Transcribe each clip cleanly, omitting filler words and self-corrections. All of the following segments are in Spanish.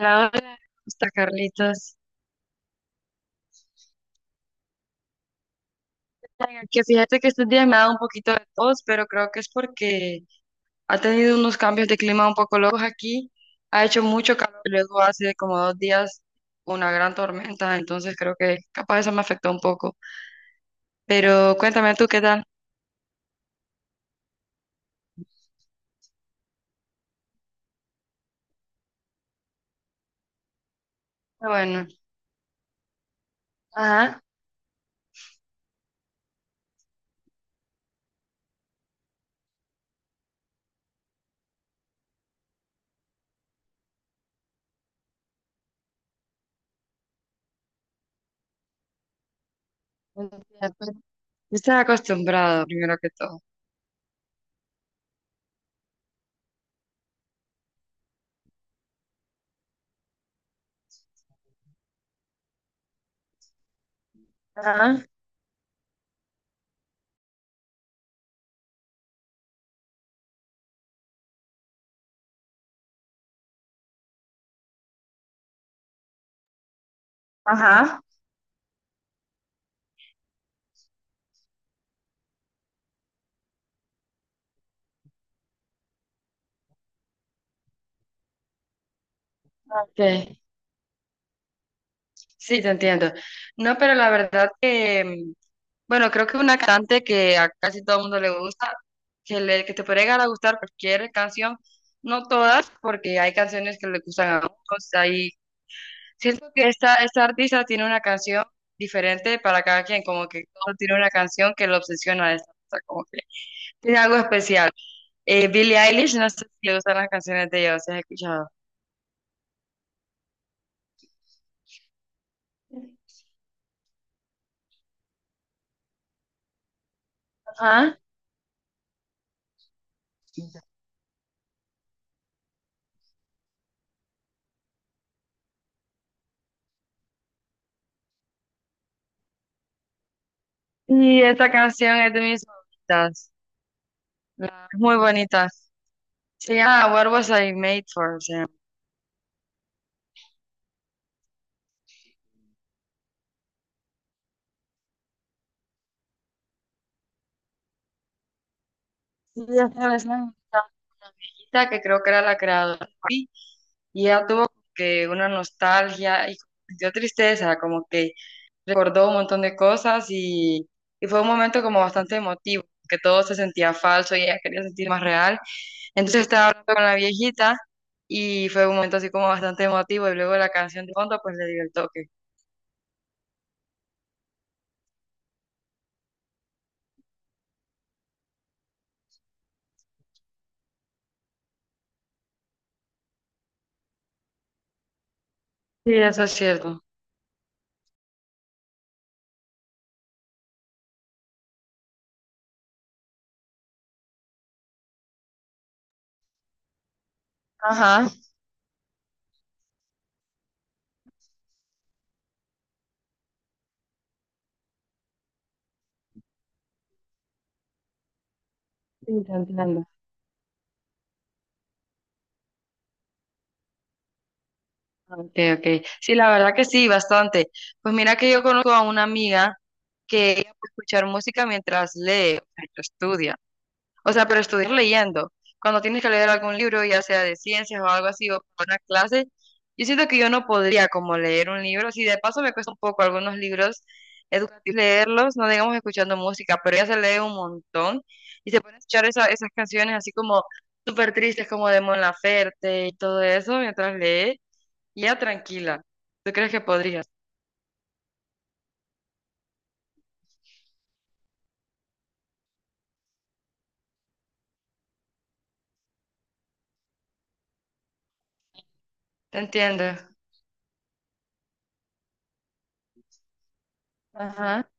Hola, hola, está Carlitos. Oiga, que fíjate que estos días me ha dado un poquito de tos, pero creo que es porque ha tenido unos cambios de clima un poco locos aquí. Ha hecho mucho calor y luego hace como dos días una gran tormenta, entonces creo que capaz eso me afectó un poco. Pero cuéntame tú qué tal. Ah, bueno, ajá. Estás acostumbrado, primero que todo. Ajá, ajá. Ok. Sí, te entiendo. No, pero la verdad que bueno, creo que una cantante que a casi todo el mundo le gusta, que te puede llegar a gustar cualquier canción, no todas, porque hay canciones que le gustan a otros. Ahí siento que esta artista tiene una canción diferente para cada quien, como que todo tiene una canción que lo obsesiona a esta artista, como que tiene algo especial. Billie Eilish, no sé si te gustan las canciones de ella, si has escuchado. Ajá. Y esta canción es de mis favoritas, muy bonita. Se llama What Was I Made For? Sí, esta vez me invitaron una viejita que creo que era la creadora de Barbie, y ella tuvo como que una nostalgia y como que sintió tristeza, como que recordó un montón de cosas y fue un momento como bastante emotivo, que todo se sentía falso y ella quería sentir más real. Entonces estaba hablando con la viejita y fue un momento así como bastante emotivo y luego la canción de fondo pues le dio el toque. Sí, eso es cierto. Ajá. Sí, te entiendo. Okay, okay. Sí, la verdad que sí, bastante. Pues mira que yo conozco a una amiga que ella puede escuchar música mientras lee, o sea, que estudia. O sea, pero estudiar leyendo. Cuando tienes que leer algún libro, ya sea de ciencias o algo así, o para una clase, yo siento que yo no podría como leer un libro. Si de paso me cuesta un poco algunos libros educativos leerlos, no digamos escuchando música, pero ella se lee un montón y se pone a escuchar esas canciones así como súper tristes, como de Mon Laferte y todo eso mientras lee. Ya tranquila. ¿Tú crees que podrías? Te entiendo. Ajá,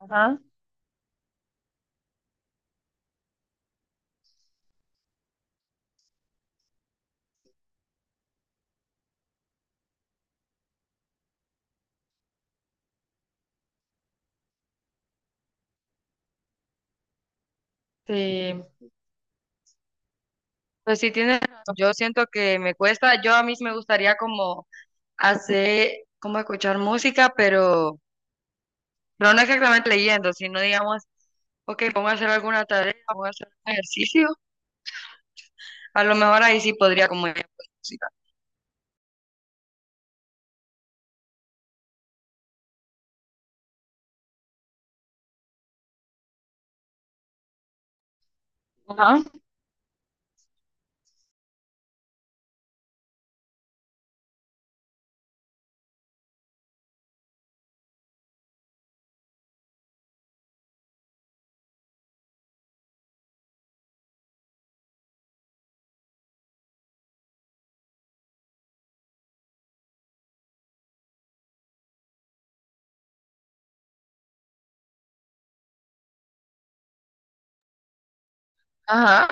ajá. Sí. Pues sí, tienes razón. Yo siento que me cuesta. Yo a mí sí me gustaría como hacer, como escuchar música, pero no exactamente leyendo, sino digamos, ok, pongo a hacer alguna tarea, pongo a hacer un ejercicio. A lo mejor ahí sí podría como ir, pues, música. Ajá, ajá.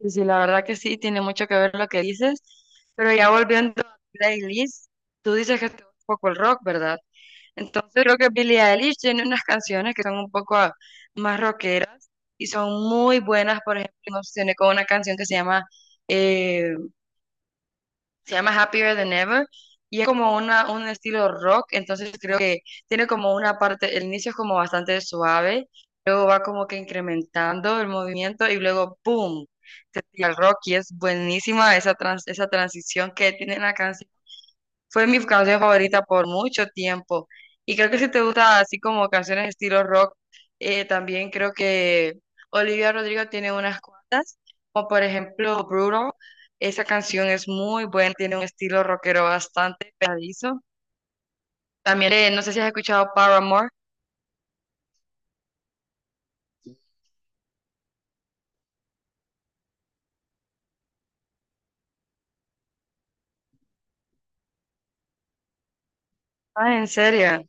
Sí, sí, la verdad que sí, tiene mucho que ver lo que dices. Pero ya volviendo a playlist, tú dices que te gusta un poco el rock, ¿verdad? Entonces creo que Billie Eilish tiene unas canciones que son un poco ah, más rockeras y son muy buenas. Por ejemplo, me obsesioné con una canción que eh, se llama Happier Than Ever y es como un estilo rock. Entonces creo que tiene como una parte, el inicio es como bastante suave, luego va como que incrementando el movimiento y luego ¡boom! Te tira el rock y es buenísima esa, esa transición que tiene la canción. Fue mi canción favorita por mucho tiempo. Y creo que si te gusta así como canciones estilo rock, también creo que Olivia Rodrigo tiene unas cuantas, como por ejemplo Brutal. Esa canción es muy buena, tiene un estilo rockero bastante pegadizo. También, no sé si has escuchado Paramore. Ah, en serio.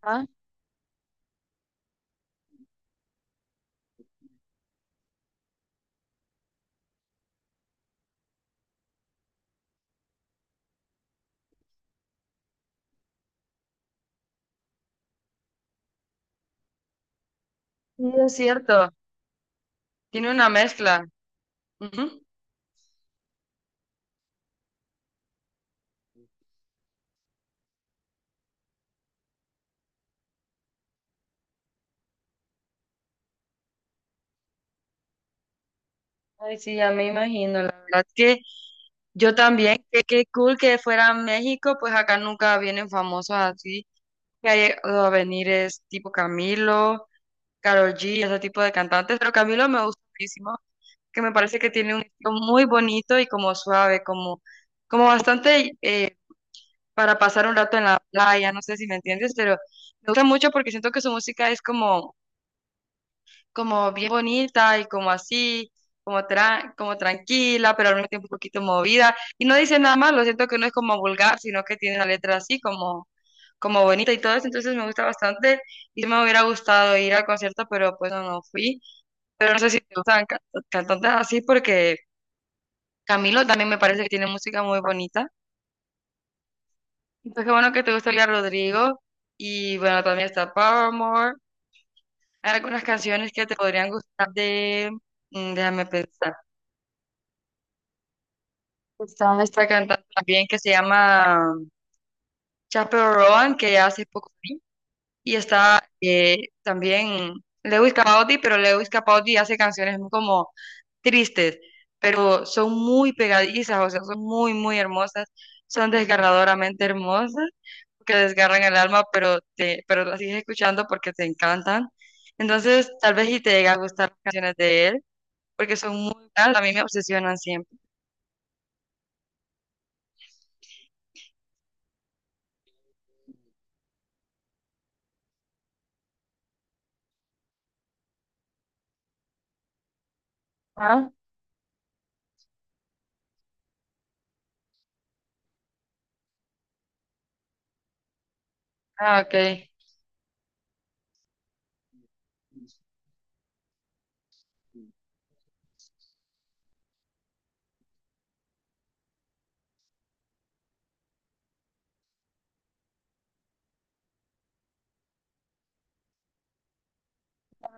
Ah, sí, es cierto. Tiene una mezcla. Ujú. Ay, sí, ya me imagino, la verdad que yo también, que qué cool que fuera a México, pues acá nunca vienen famosos así, que ha llegado a venir es tipo Camilo, Karol G, ese tipo de cantantes, pero Camilo me gusta muchísimo, que me parece que tiene un estilo muy bonito y como suave, como, como bastante para pasar un rato en la playa, no sé si me entiendes, pero me gusta mucho porque siento que su música es como bien bonita y como así, como, como tranquila, pero al mismo tiempo un poquito movida. Y no dice nada más lo siento que no es como vulgar, sino que tiene la letra así como, como bonita y todo eso, entonces me gusta bastante. Y sí me hubiera gustado ir al concierto, pero pues no, no fui. Pero no sé si te gustan cantantes así porque Camilo también me parece que tiene música muy bonita. Entonces qué bueno que te gusta Olivia Rodrigo y bueno, también está Paramore. Hay algunas canciones que te podrían gustar de... mm, déjame pensar. Está esta cantante también que se llama Chappell Roan, que ya hace poco vi. Y está también Lewis Capaldi, pero Lewis Capaldi hace canciones como tristes, pero son muy pegadizas, o sea, son muy, muy hermosas. Son desgarradoramente hermosas, que desgarran el alma, pero las sigues escuchando porque te encantan. Entonces, tal vez y te llega a gustar las canciones de él, porque son muy... buenas. A mí me obsesionan siempre. Ah, ah, ok.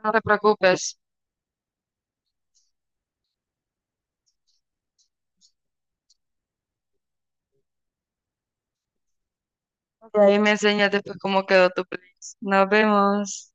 No te preocupes. Y ahí me enseñas después cómo quedó tu playlist. Nos vemos.